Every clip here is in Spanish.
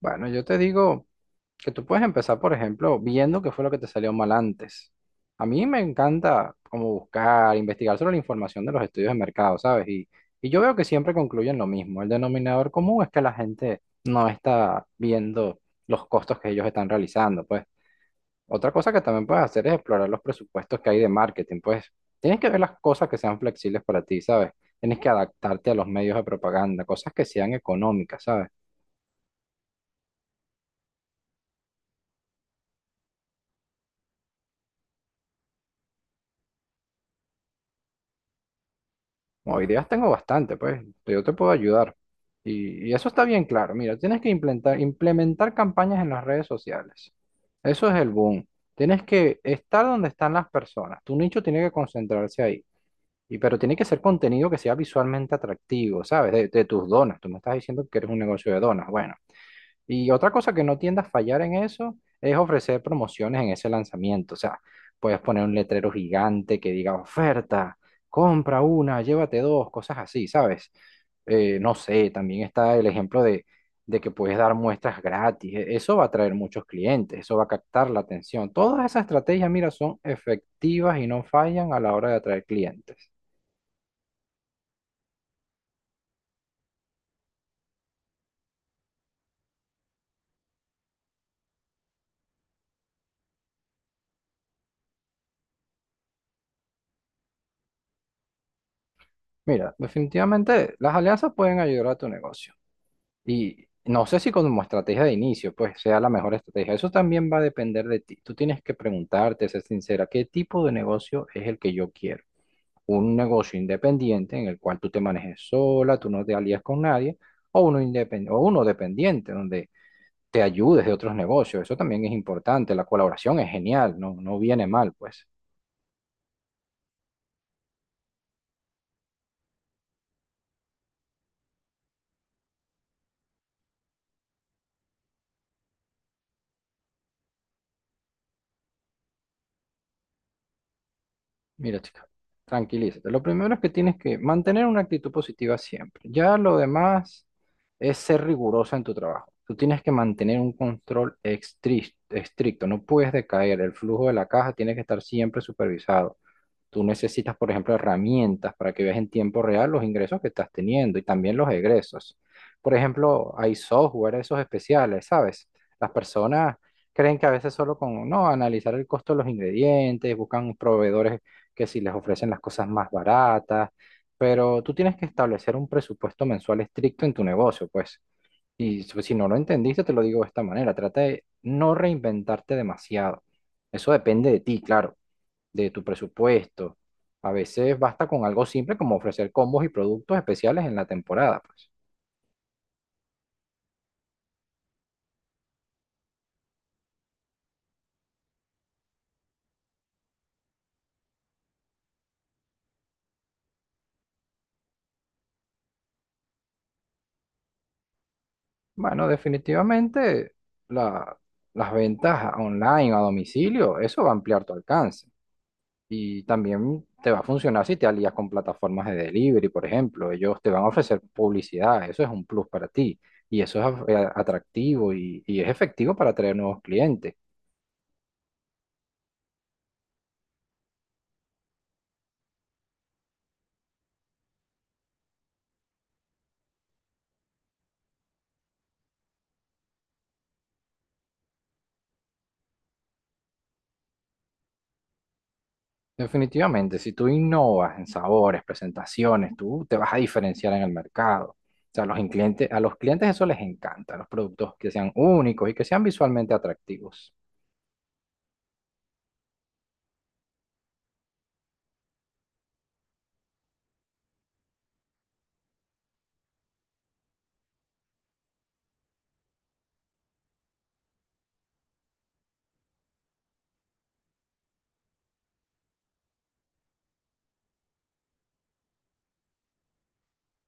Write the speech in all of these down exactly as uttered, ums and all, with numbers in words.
Bueno, yo te digo que tú puedes empezar, por ejemplo, viendo qué fue lo que te salió mal antes. A mí me encanta como buscar, investigar sobre la información de los estudios de mercado, ¿sabes? Y, y yo veo que siempre concluyen lo mismo. El denominador común es que la gente no está viendo los costos que ellos están realizando, pues. Otra cosa que también puedes hacer es explorar los presupuestos que hay de marketing, pues. Tienes que ver las cosas que sean flexibles para ti, ¿sabes? Tienes que adaptarte a los medios de propaganda, cosas que sean económicas, ¿sabes? Como ideas tengo bastante, pues yo te puedo ayudar. Y, y eso está bien claro. Mira, tienes que implementar, implementar campañas en las redes sociales. Eso es el boom. Tienes que estar donde están las personas. Tu nicho tiene que concentrarse ahí. Y, pero tiene que ser contenido que sea visualmente atractivo, ¿sabes? De, de tus donas. Tú me estás diciendo que eres un negocio de donas. Bueno, y otra cosa que no tienda a fallar en eso es ofrecer promociones en ese lanzamiento. O sea, puedes poner un letrero gigante que diga oferta, compra una, llévate dos, cosas así, ¿sabes? Eh, no sé, también está el ejemplo de, de que puedes dar muestras gratis. E- Eso va a atraer muchos clientes, eso va a captar la atención. Todas esas estrategias, mira, son efectivas y no fallan a la hora de atraer clientes. Mira, definitivamente las alianzas pueden ayudar a tu negocio. Y no sé si como estrategia de inicio, pues sea la mejor estrategia. Eso también va a depender de ti. Tú tienes que preguntarte, ser sincera, ¿qué tipo de negocio es el que yo quiero? ¿Un negocio independiente en el cual tú te manejes sola, tú no te alías con nadie? ¿O uno, independ- o uno dependiente donde te ayudes de otros negocios? Eso también es importante. La colaboración es genial, no, no viene mal, pues. Mira, chica, tranquilízate. Lo primero es que tienes que mantener una actitud positiva siempre. Ya lo demás es ser rigurosa en tu trabajo. Tú tienes que mantener un control extris- estricto, no puedes decaer. El flujo de la caja tiene que estar siempre supervisado. Tú necesitas, por ejemplo, herramientas para que veas en tiempo real los ingresos que estás teniendo y también los egresos. Por ejemplo, hay software, esos especiales, ¿sabes? Las personas creen que a veces solo con, no, analizar el costo de los ingredientes, buscan proveedores que si les ofrecen las cosas más baratas, pero tú tienes que establecer un presupuesto mensual estricto en tu negocio, pues. Y si si no lo entendiste, te lo digo de esta manera, trata de no reinventarte demasiado. Eso depende de ti, claro, de tu presupuesto. A veces basta con algo simple como ofrecer combos y productos especiales en la temporada, pues. Bueno, definitivamente la- las ventas online o a domicilio, eso va a ampliar tu alcance. Y también te va a funcionar si te alías con plataformas de delivery, por ejemplo. Ellos te van a ofrecer publicidad, eso es un plus para ti. Y eso es af- eh, atractivo y, y es efectivo para atraer nuevos clientes. Definitivamente, si tú innovas en sabores, presentaciones, tú te vas a diferenciar en el mercado. O sea, a los clientes, a los clientes eso les encanta, los productos que sean únicos y que sean visualmente atractivos.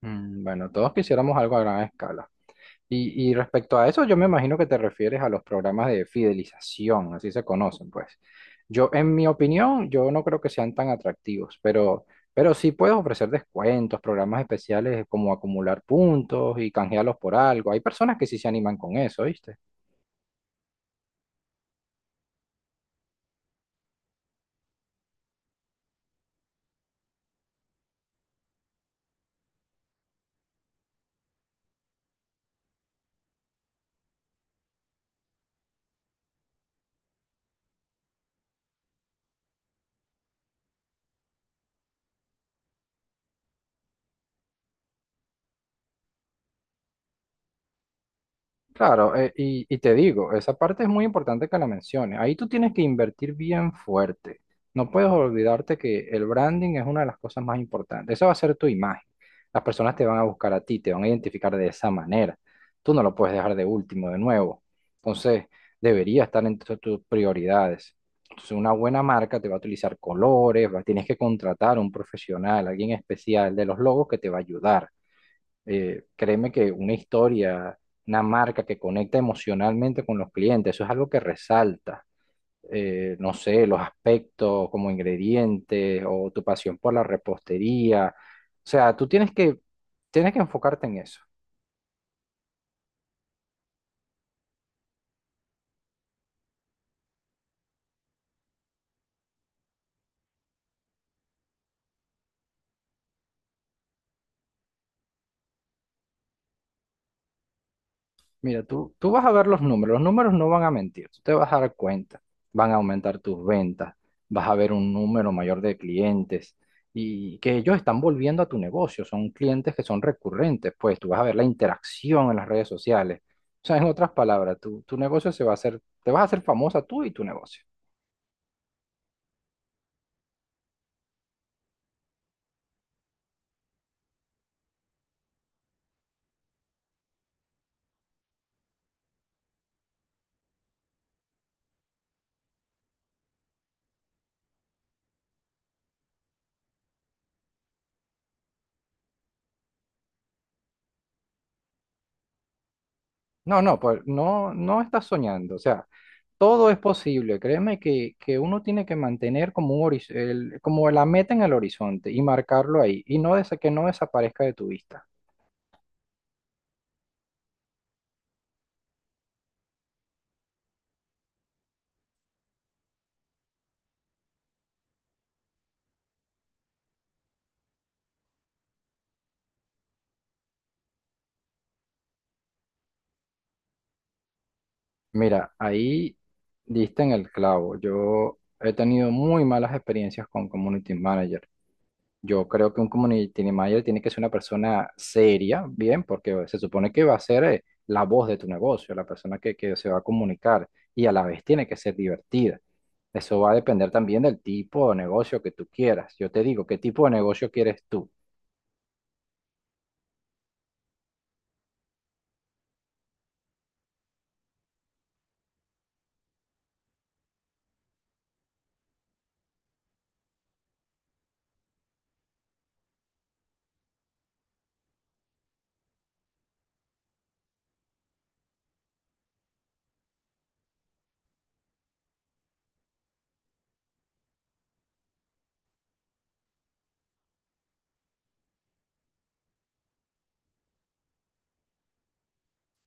Mm, bueno, todos quisiéramos algo a gran escala. Y, y respecto a eso, yo me imagino que te refieres a los programas de fidelización, así se conocen, pues. Yo, en mi opinión, yo no creo que sean tan atractivos, pero, pero sí puedes ofrecer descuentos, programas especiales como acumular puntos y canjearlos por algo. Hay personas que sí se animan con eso, ¿viste? Claro, eh, y, y te digo, esa parte es muy importante que la menciones. Ahí tú tienes que invertir bien fuerte. No puedes olvidarte que el branding es una de las cosas más importantes. Esa va a ser tu imagen. Las personas te van a buscar a ti, te van a identificar de esa manera. Tú no lo puedes dejar de último, de nuevo. Entonces, debería estar entre tus prioridades. Entonces, una buena marca te va a utilizar colores, va- tienes que contratar a un profesional, alguien especial de los logos que te va a ayudar. Eh, créeme que una historia, una marca que conecta emocionalmente con los clientes, eso es algo que resalta. Eh, no sé, los aspectos como ingredientes o tu pasión por la repostería. O sea, tú tienes que, tienes que enfocarte en eso. Mira, tú, tú vas a ver los números, los números no van a mentir, tú te vas a dar cuenta, van a aumentar tus ventas, vas a ver un número mayor de clientes y que ellos están volviendo a tu negocio, son clientes que son recurrentes, pues tú vas a ver la interacción en las redes sociales. O sea, en otras palabras, tu, tu negocio se va a hacer, te vas a hacer famosa tú y tu negocio. No, no, pues no, no estás soñando, o sea. Todo es posible, créeme que, que uno tiene que mantener como un horiz- el- como la meta en el horizonte y marcarlo ahí y no desa- que no desaparezca de tu vista. Mira, ahí diste en el clavo. Yo he tenido muy malas experiencias con community manager. Yo creo que un community manager tiene que ser una persona seria, bien, porque se supone que va a ser eh, la voz de tu negocio, la persona que, que se va a comunicar y a la vez tiene que ser divertida. Eso va a depender también del tipo de negocio que tú quieras. Yo te digo, ¿qué tipo de negocio quieres tú?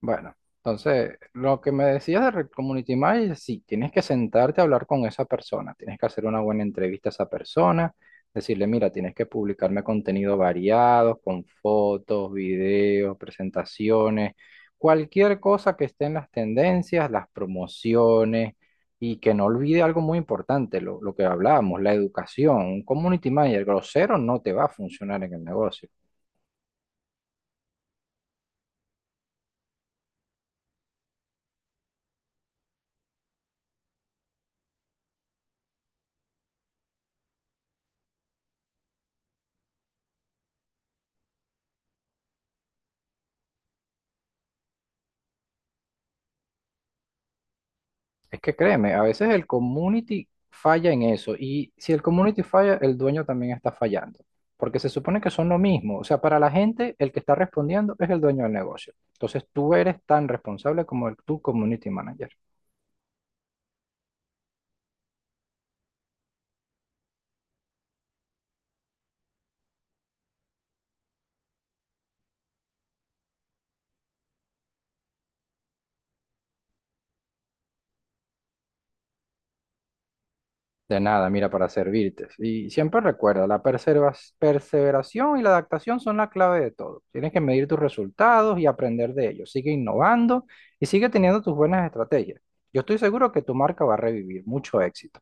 Bueno, entonces, lo que me decías de Red Community Manager, sí, tienes que sentarte a hablar con esa persona, tienes que hacer una buena entrevista a esa persona, decirle, mira, tienes que publicarme contenido variado, con fotos, videos, presentaciones, cualquier cosa que esté en las tendencias, las promociones, y que no olvide algo muy importante, lo, lo que hablábamos, la educación. Un community manager grosero no te va a funcionar en el negocio. Es que créeme, a veces el community falla en eso y si el community falla, el dueño también está fallando, porque se supone que son lo mismo. O sea, para la gente, el que está respondiendo es el dueño del negocio. Entonces tú eres tan responsable como el, tu community manager. De nada, mira, para servirte. Y siempre recuerda, la persevera- perseveración y la adaptación son la clave de todo. Tienes que medir tus resultados y aprender de ellos. Sigue innovando y sigue teniendo tus buenas estrategias. Yo estoy seguro que tu marca va a revivir. Mucho éxito.